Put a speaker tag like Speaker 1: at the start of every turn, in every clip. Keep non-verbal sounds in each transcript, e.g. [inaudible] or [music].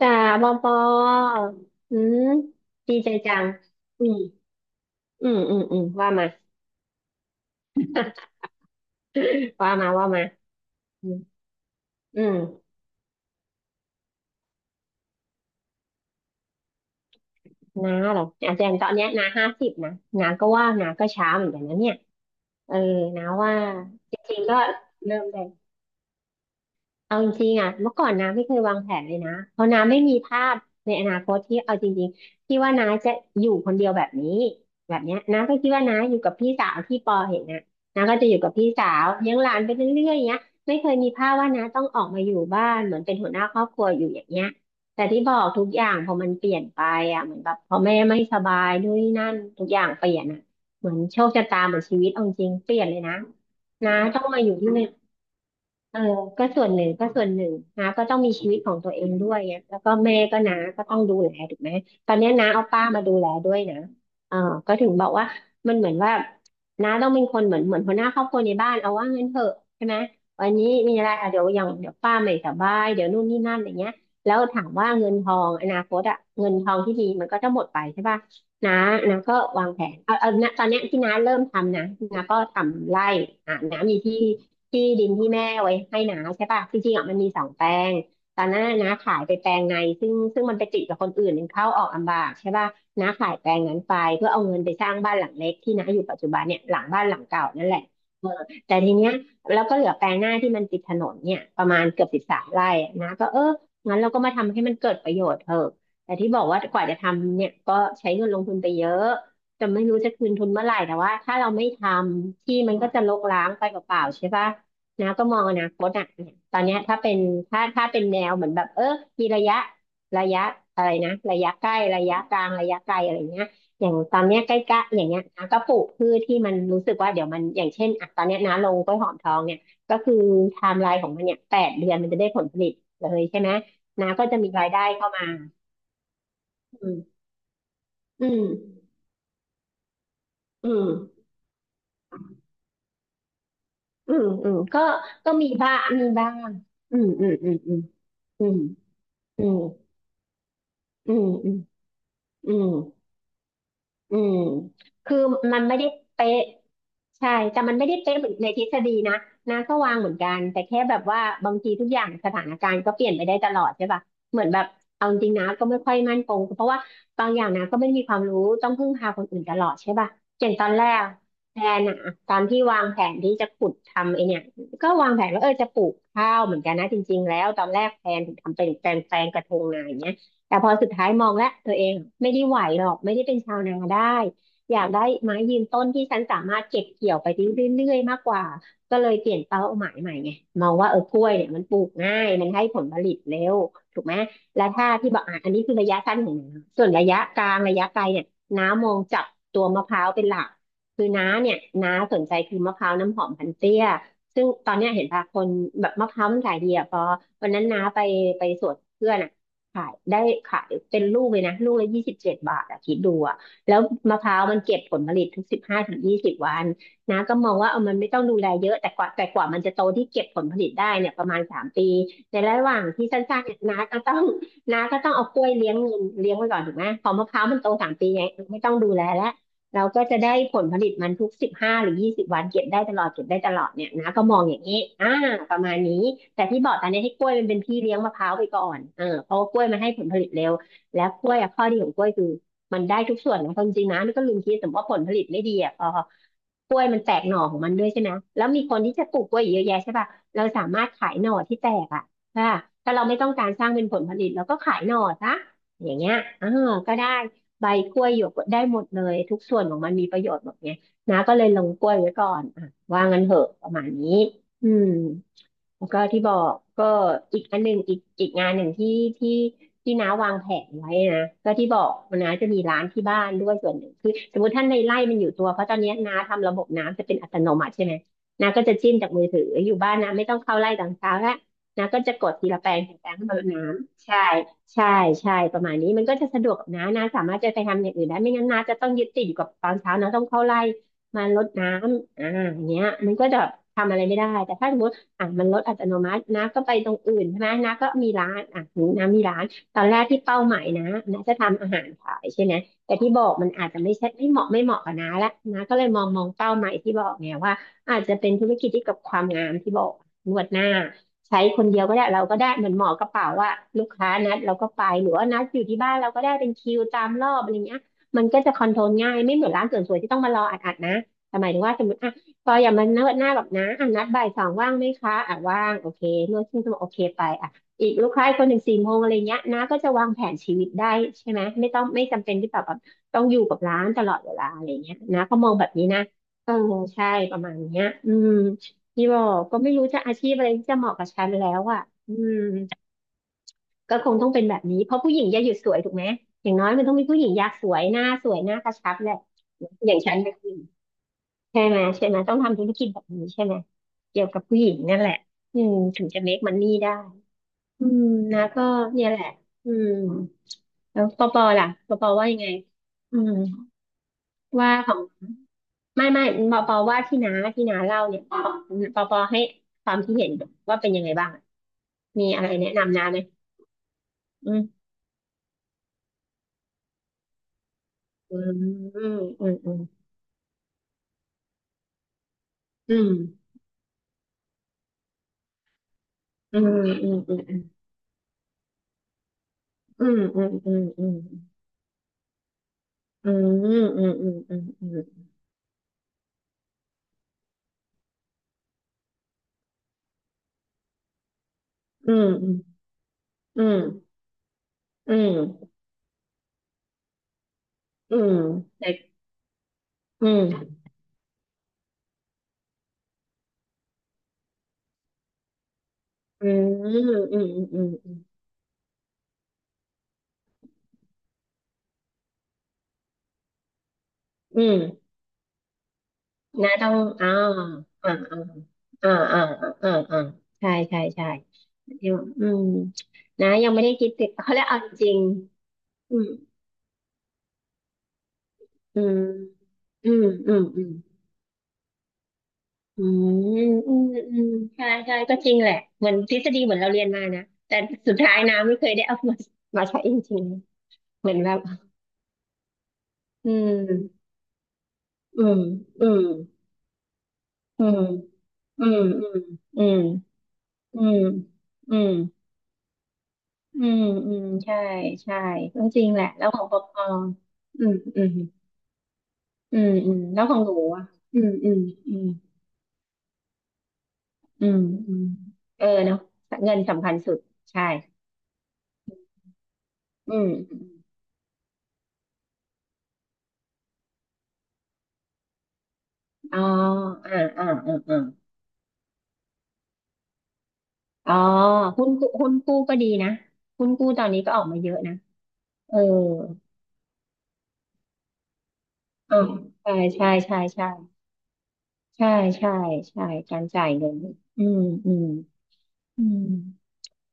Speaker 1: จ้าปอปออืมดีใจจังอืมอืมอืมอืมว่ามา [laughs] ว่ามา ว่ามาอืมอืมน้าเหรออาจารย์ตอนเนี้ยน้า50นะน้าก็ว่าน้าก็ช้าเหมือนกันนะเนี่ยเออน้าว่าจริงๆก็เริ่มได้ เอาจริงๆอ่ะเมื่อก่อนน้าไม่เคยวางแผนเลยนะเพราะน้าไม่มีภาพในอนาคตที่เอาจริงๆที่ว่าน้าจะอยู่คนเดียวแบบนี้แบบเนี้ยน้าก็คิดว่าน้าอยู่กับพี่สาวที่ปอเห็นนะน้าก็จะอยู่กับพี่สาวเลี้ยงหลานไปเรื่อยๆเงี้ยไม่เคยมีภาพว่าน้าต้องออกมาอยู่บ้านเหมือนเป็นหัวหน้าครอบครัวอยู่อย่างเงี้ยแต่ที่บอกทุกอย่างพอมันเปลี่ยนไปอ่ะเหมือนแบบพอแม่ไม่สบายด้วยนนนี่นั่นทุกอย่างเปลี่ยนอ่ะเหมือนโชคชะตาเหมือนชีวิตเอาจริงเปลี่ยนเลยนะน้าต้องมาอยู่ที่ เออก็ส่วนหนึ่งก็ส่วนหนึ่งน้าก็ต้องมีชีวิตของตัวเองด้วยเนี่ยแล้วก็แม่ก็น้าก็ต้องดูแลถูกไหมตอนเนี้ยน้าเอาป้ามาดูแลด้วยนะเออก็ถึงบอกว่ามันเหมือนว่าน้าต้องเป็นคนเหมือนหัวหน้าครอบครัวในบ้านเอาว่างั้นเถอะใช่ไหมวันนี้มีอะไรอ่ะเดี๋ยวอย่างเดี๋ยวป้าไม่สบายเดี๋ยวนู่นนี่นั่นอย่างเงี้ยแล้วถามว่าเงินทองอนาคตอะเงินทองที่ดีมันก็จะหมดไปใช่ป่ะน้าน้าก็วางแผนเอาณตอนเนี้ยที่น้าเริ่มทำนะน้าก็ทำไร่อ่ะน้ามีที่ ที่ดินที่แม่ไว้ให้นาใช่ป่ะจริงๆอ่ะมันมี2 แปลงตอนนั้นน่ะน้าขายไปแปลงในซึ่งมันไปติดกับคนอื่นมันเข้าออกลำบากใช่ป่ะน้าขายแปลงนั้นไปเพื่อเอาเงินไปสร้างบ้านหลังเล็กที่น้าอยู่ปัจจุบันเนี่ยหลังบ้านหลังเก่านั่นแหละเออแต่ทีเนี้ยแล้วก็เหลือแปลงหน้าที่มันติดถนนเนี่ยประมาณเกือบ13ไร่อะนะก็เอองั้นเราก็มาทำให้มันเกิดประโยชน์เถอะแต่ที่บอกว่ากว่าจะทำเนี่ยก็ใช้เงินลงทุนไปเยอะจะไม่รู้จะคืนทุนเมื่อไหร่แต่ว่าถ้าเราไม่ทำที่มันก็จะรกร้างไปเปล่าๆใช่ปะ นะก็มองอนาคตอ่ะเนี่ยตอนเนี้ยถ้าเป็นถ้าเป็นแนวเหมือนแบบเออมีระยะอะไรนะระยะใกล้ระยะกลางระยะไกลอะไรเงี้ยอย่างตอนเนี้ยใกล้ๆอย่างเงี้ยนะก็ปลูกพืชที่มันรู้สึกว่าเดี๋ยวมันอย่างเช่นอ่ะตอนเนี้ยนะลงกล้วยหอมทองเนี่ยก็คือไทม์ไลน์ของมันเนี่ย8 เดือนมันจะได้ผลผลิตเลยใช่ไหมนะก็จะมีรายได้เข้ามาอืมอืมอืมอืมอืมก็ก็มีบ้างมีบ้างอืมอืมอืมอืมอืมอืมอืมอืมอืม อืมคือมันไม่ได้เป๊ะใช่ แต่มันไม่ได้เป๊ะเหมือนในทฤษฎีนะนะก็วางเหมือนกันแต่แค่แบบว่าบางทีทุกอย่างสถานการณ์ก็เปลี่ยนไปได้ตลอดใช่ป่ะเหมือนแบบเอาจริงนะก็ไม่ค่อยมั่นคงเพราะว่าบางอย่างนะก็ไม่มีความรู้ต้องพึ่งพาคนอื่นตลอดใช่ป่ะอย่างตอนแรกแพลนอะตอนที่วางแผนที่จะขุดทำไอเนี่ยก็วางแผนว่าเออจะปลูกข้าวเหมือนกันนะจริงๆแล้วตอนแรกแพลนถึงทำเป็นแปลงแปลงกระทงนาอย่างเงี้ยแต่พอสุดท้ายมองแล้วตัวเอง ไม่ได้ไหวหรอกไม่ได้เป็นชาวนาได้อยากได้ไม้ยืนต้นที่ฉันสามารถเก็บเกี่ยวไปได้เรื่อยๆมากกว่าก็เลยเปลี่ยนเป้าหมายใหม่ไงมองว่าเออกล้วยเนี่ยมันปลูกง่ายมันให้ผลผลิตเร็วถูกไหมและถ้าที่บอกอ่ะอันนี้คือระยะสั้นของน้าส่วนระยะกลางระยะไกลเนี่ยน้ามองจับตัวมะพร้าวเป็นหลักคือน้าเนี่ยน้าสนใจคือมะพร้าวน้ำหอมพันเตี้ยซึ่งตอนเนี้ยเห็นป่ะคนแบบมะพร้าวมันขายดีอ่ะพอวันนั้นน้าไปไปสวนเพื่อนอ่ะ ขายได้ขายเป็นลูกเลยนะลูกละ27 บาทอะคิดดูอะแล้วมะพร้าวมันเก็บผลผลิตทุก15-20 วันนะก็มองว่าเออมันไม่ต้องดูแลเยอะแต่กว่ามันจะโตที่เก็บผลผลิตได้เนี่ยประมาณสามปีในระหว่างที่สั้นๆเนี่ยน้าก็ต้องเอากล้วยเลี้ยงเงินเลี้ยงไว้ก่อนถูกไหมพอมะพร้าวมันโตสามปีไงไม่ต้องดูแลแล้ว เราก็จะได้ผลผลิตมันทุก15 หรือ 20 วันเก็บได้ตลอดเก็บได้ตลอดเนี่ยนะก็มองอย่างนี้อ่าประมาณนี้แต่ที่บอกตอนนี้ให้กล้วยมันเป็นพี่เลี้ยงมะพร้าวไปก่อนเออเพราะว่ากล้วยมันให้ผลผลิตเร็วแล้วกล้วยอะข้อดีของกล้วยคือมันได้ทุกส่วนนะความจริงนะนี่ก็ลืมคิดสมมติว่าผลผลิตไม่ดีอ่ะพอกล้วยมันแตกหน่อของมันด้วยใช่ไหมแล้วมีคนที่จะปลูกกล้วยเยอะแยะใช่ป่ะเราสามารถขายหน่อที่แตกอ่ะถ้าถ้าเราไม่ต้องการสร้างเป็นผลผลิตเราก็ขายหน่อซะอย่างเงี้ยอ่าก็ได้ ใบกล้วยหยวกได้หมดเลยทุกส่วนของมันมีประโยชน์หมดไงนะาก็เลยลงกล้วยไว้ก่อนอ่ะว่างั้นเหอะประมาณนี้อืม แล้วก็ที่บอกก็อีกอันหนึ่งอีกงานหนึ่งที่ที่น้าวางแผนไว้นะก็ที่บอกว่าน้าจะมีร้านที่บ้านด้วยส่วนหนึ่งคือสมมติท่านในไร่มันอยู่ตัวเพราะตอนนี้น้าทำระบบน้ำจะเป็นอัตโนมัติใช่ไหมน้าก็จะจิ้มจากมือถืออยู่บ้านน้าไม่ต้องเข้าไร่ตอนเช้าละน้าก็จะกดทีละแปลงทีละแปลงให้มันรดน้ำใช่ใช่ใช่ประมาณนี้มันก็จะสะดวกกับน้าน้าสามารถจะไปทำอย่างอื่นได้ไม่งั้นน้าจะต้องยึดติดอยู่กับตอนเช้าน้าต้องเข้าไร่มารดน้ำอ่าอย่างเงี้ยมันก็จะทำอะไรไม่ได้แต่ถ้าสมมติ อ่ะมันลดอัตโนมัตินะก็ไปตรงอื่นใช่ไหมน้าก็มีร้านอ่ะน้ามีร้านตอนแรกที่เป้าหมายนะน้าจะทำอาหารขายใช่ไหมแต่ที่บอกมันอาจจะไม่ใช่ไม่เหมาะกับน้าละน้าก็เลยมองเป้าหมายที่บอกไงว่าอาจจะเป็นธุรกิจที่กับความงามที่บอกนวดหน้าใช้คนเดียวก็ได้เราก็ได้เหมือนหมอกระเป๋าว่าลูกค้านัดเราก็ไปหรือว่านัดอยู่ที่บ้านเราก็ได้เป็นคิวตามรอบอะไรเงี้ยมันก็จะคอนโทรลง่ายไม่เหมือนร้านเสริมสวยที่ต้องมารออัดๆนะหมายถึงว่าสมมติ พออย่ามาเนิร์ดหน้าแบบนะอ่ะนัดบ่ายสองว่างไหมคะอ่ะว่างโอเคนวดครึ่งชั่วโมงโอเคไปอ่ะอีกลูกค้าอีกคนหนึ่งสี่โมงอะไรเงี้ยนะก็จะวางแผนชีวิตได้ใช่ไหมไม่ต้องไม่จำเป็นที่แบบว่าต้องอยู่กับร้านตลอดเวลาอะไรเงี้ยนะก็มองแบบนี้นะเออใช่ประมาณเนี้ยอืมพี่บอกก็ไม่รู้จะอาชีพอะไรที่จะเหมาะกับฉันแล้วอ่ะอืมก็คงต้องเป็นแบบนี้เพราะผู้หญิงอย่าหยุดสวยถูกไหมอย่างน้อยมันต้องมีผู้หญิงอยากสวยหน้าสวยหน้ากระชับแหละอย่างฉัน ใช่ไหมใช่ไหมต้องทำธุรกิจแบบนี้ใช่ไหมเกี่ยวกับผู้หญิงนั่นแหละอืมถึงจะ make money ได้อืมนะก็เนี่ยแหละอืมแล้วปอปอล่ะปอปอว่ายังไงอืมว่าของไม่ปอปอว่าที่น้าเล่าเนี่ยปอปอให้ความคิดเห็นว่าเป็นยังไงบ้างอะมีอะไรแนะนำน้าไหมอืมอืมอืมอืมอืมอืมอืมอืมอืมอืมอืมอืมอืมอืมอืมอืมอืมอืมอืมอืมอืมอืม อืมแต่อืมอืมอืมอืมอืมอืมนะต้องอ่าอ่าอ่าอ่าอ่าอ่าอ่าใช่ใช่ใช่ยังอืมนะยังไม่ได้คิดติดเขาเรียกเอาจริงอืมอืมอืมอืมอืมอืมอืมอืมใช่ใช่ก็จริงแหละเหมือนทฤษฎีเหมือนเราเรียนมานะแต่สุดท้ายนำไม่เคยได้เอามามาใช้จริงๆเหมือนแบบอืมอืมอืมอืมอืมอืมอืม อืมอืมอืมอืมใช่ ใช่ก็จริงแหละ แล้วของปอปออืมอืมอืมอืมแล้วของหนูอ่ะอืมอืมอืมอืมอืมเออเนาะเงินสำคัญสุด ใช่อืมอมอ๋ออ่าอ่าอ่าอ่าอ๋อหุ้นกู้หุ้นกู้ก็ดีนะหุ้นกู้ตอนนี้ก็ออกมาเยอะนะเอออ๋อใช่ใช่ใช่ใช่ใช่ใช่ ใช่การจ่ายเงิน อืมอืมอืม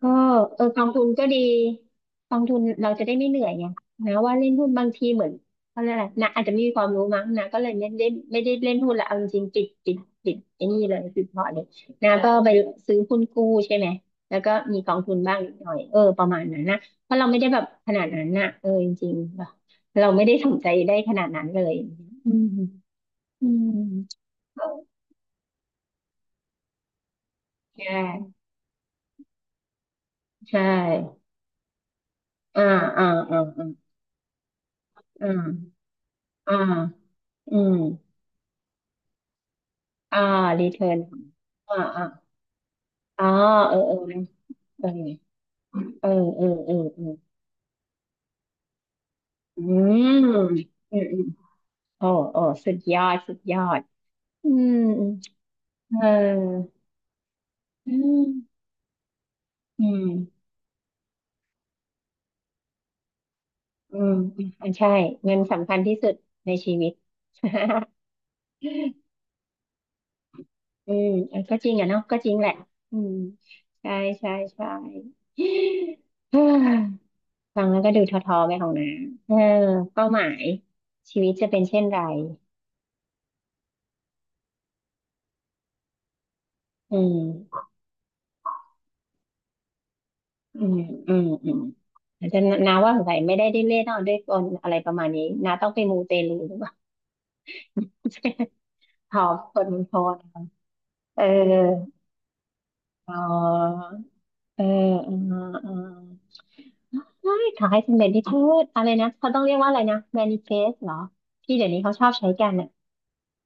Speaker 1: ก็เออกองทุนก็ดีกองทุนเราจะได้ไม่เหนื่อยไงนะว่าเล่นหุ้นบางทีเหมือนเขาเรียกอะไรนะอาจจะไม่มีความรู้มั้งนะก็เลยไม่ได้เล่นหุ้นละเอาจริงๆปิดไอ้นี่เลยปิดพอร์ตเลยนะก็ไปซื้อหุ้นกู้ใช่ไหมแล้วก็มีกองทุนบ้างนิดหน่อยเออประมาณนั้นนะเพราะเราไม่ได้แบบขนาดนั้นนะเออจริงๆเราไม่ได้สนใจได้ขนาดนั้นเลยอืมอืมใช่ใช่อ่าอ่าอ่าอ่าอ่าอาอืม อ่ารีเทิร์นอ่าอ่าอ่าเออเออเออเออเออเออเอออืมอืมอืมโอ้โอ้สุดยอดสุดยอดอืมเอออืมอืมอืมอ่มใช่เงินสำคัญที่สุดในชีวิตอืมเออก็จริงอ่ะเนาะก็จริงแหละอืมใช่ใช่ใช่เฮ้ยฟังแล้วก็ดูท้อๆไปของน้าเออเป้าหมายชีวิตจะเป็นเช่นไรอืม อืมอืมอืมอาจจะนาว่าสงสัยไม่ได้ไดิ้นเล่นเอาด้วยกลอะไรประมาณนี้นาต้องไปมูเตลูหรือเปล่า [laughs] หอมคนมันพอนะเอออ๋อเออเออเออใช่ขายสำเร็จที่เธออะไรนะเขาต้องเรียกว่าอะไรนะแมนิเฟสเหรอที่เดี๋ยวนี้เขาชอบใช้กันอ่ะ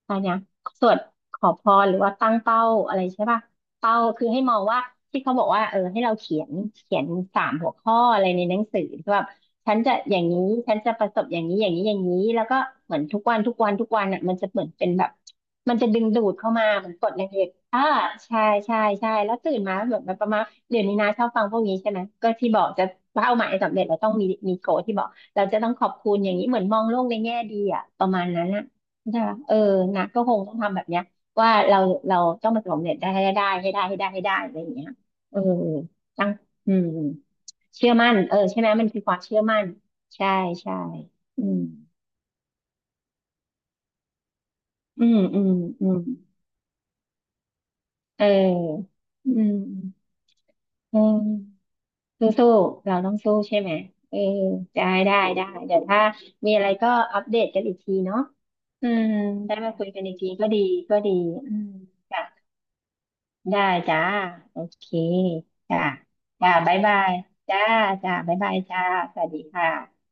Speaker 1: อะไรนะสวดขอพรหรือว่าตั้งเป้าอะไรใช่ป่ะ เป้าคือให้มองว่าที่เขาบอกว่าเออให้เราเขียนสามหัวข้ออะไรในหนังสือที่แบบฉันจะอย่างนี้ฉันจะประสบอย่างนี้อย่างนี้อย่างนี้แล้วก็เหมือนทุกวันทุกวันทุกวันอ่ะมันจะเหมือนเป็นแบบมันจะดึงดูดเข้ามาเหมือนกดแรงเหล็กอ่าใช่ใช่ใช่แล้วตื่นมาเหมือนแบบประมาณเดี๋ยวนี้นะชอบฟังพวกนี้ใช่ไหมก็ที่บอกจะเป้าหมายสำเร็จเราต้องมีโกที่บอกเราจะต้องขอบคุณอย่างนี้เหมือนมองโลกในแง่ดีอ่ะประมาณนั้นอ่ะใช่ปะเออนะก็คงต้องทำแบบเนี้ย ว่าเราต้องมาสำเร็จได้ให้ได้ให้ได้ให้ได้ให้ได้อะไรอย่างเงี้ยเออตั้งอืมเชื่อมั่นเออใช่ไหมมันคือความเชื่อมั่นใช่ใช่อืมอืมอืมอืมเอออืมอืมสู้สู้เราต้องสู้ใช่ไหมเออได้ได้ได้เดี๋ยวถ้ามีอะไรก็อัปเดตกันอีกทีเนาะอืมได้มาคุยกันอีกทีก็ดีก็ดีอืมจ้ะ ได้จ้า โอเค จ้าจ้าบ๊ายบายจ้าจ้าบ๊ายบายจ้า สวัสดีค่ะ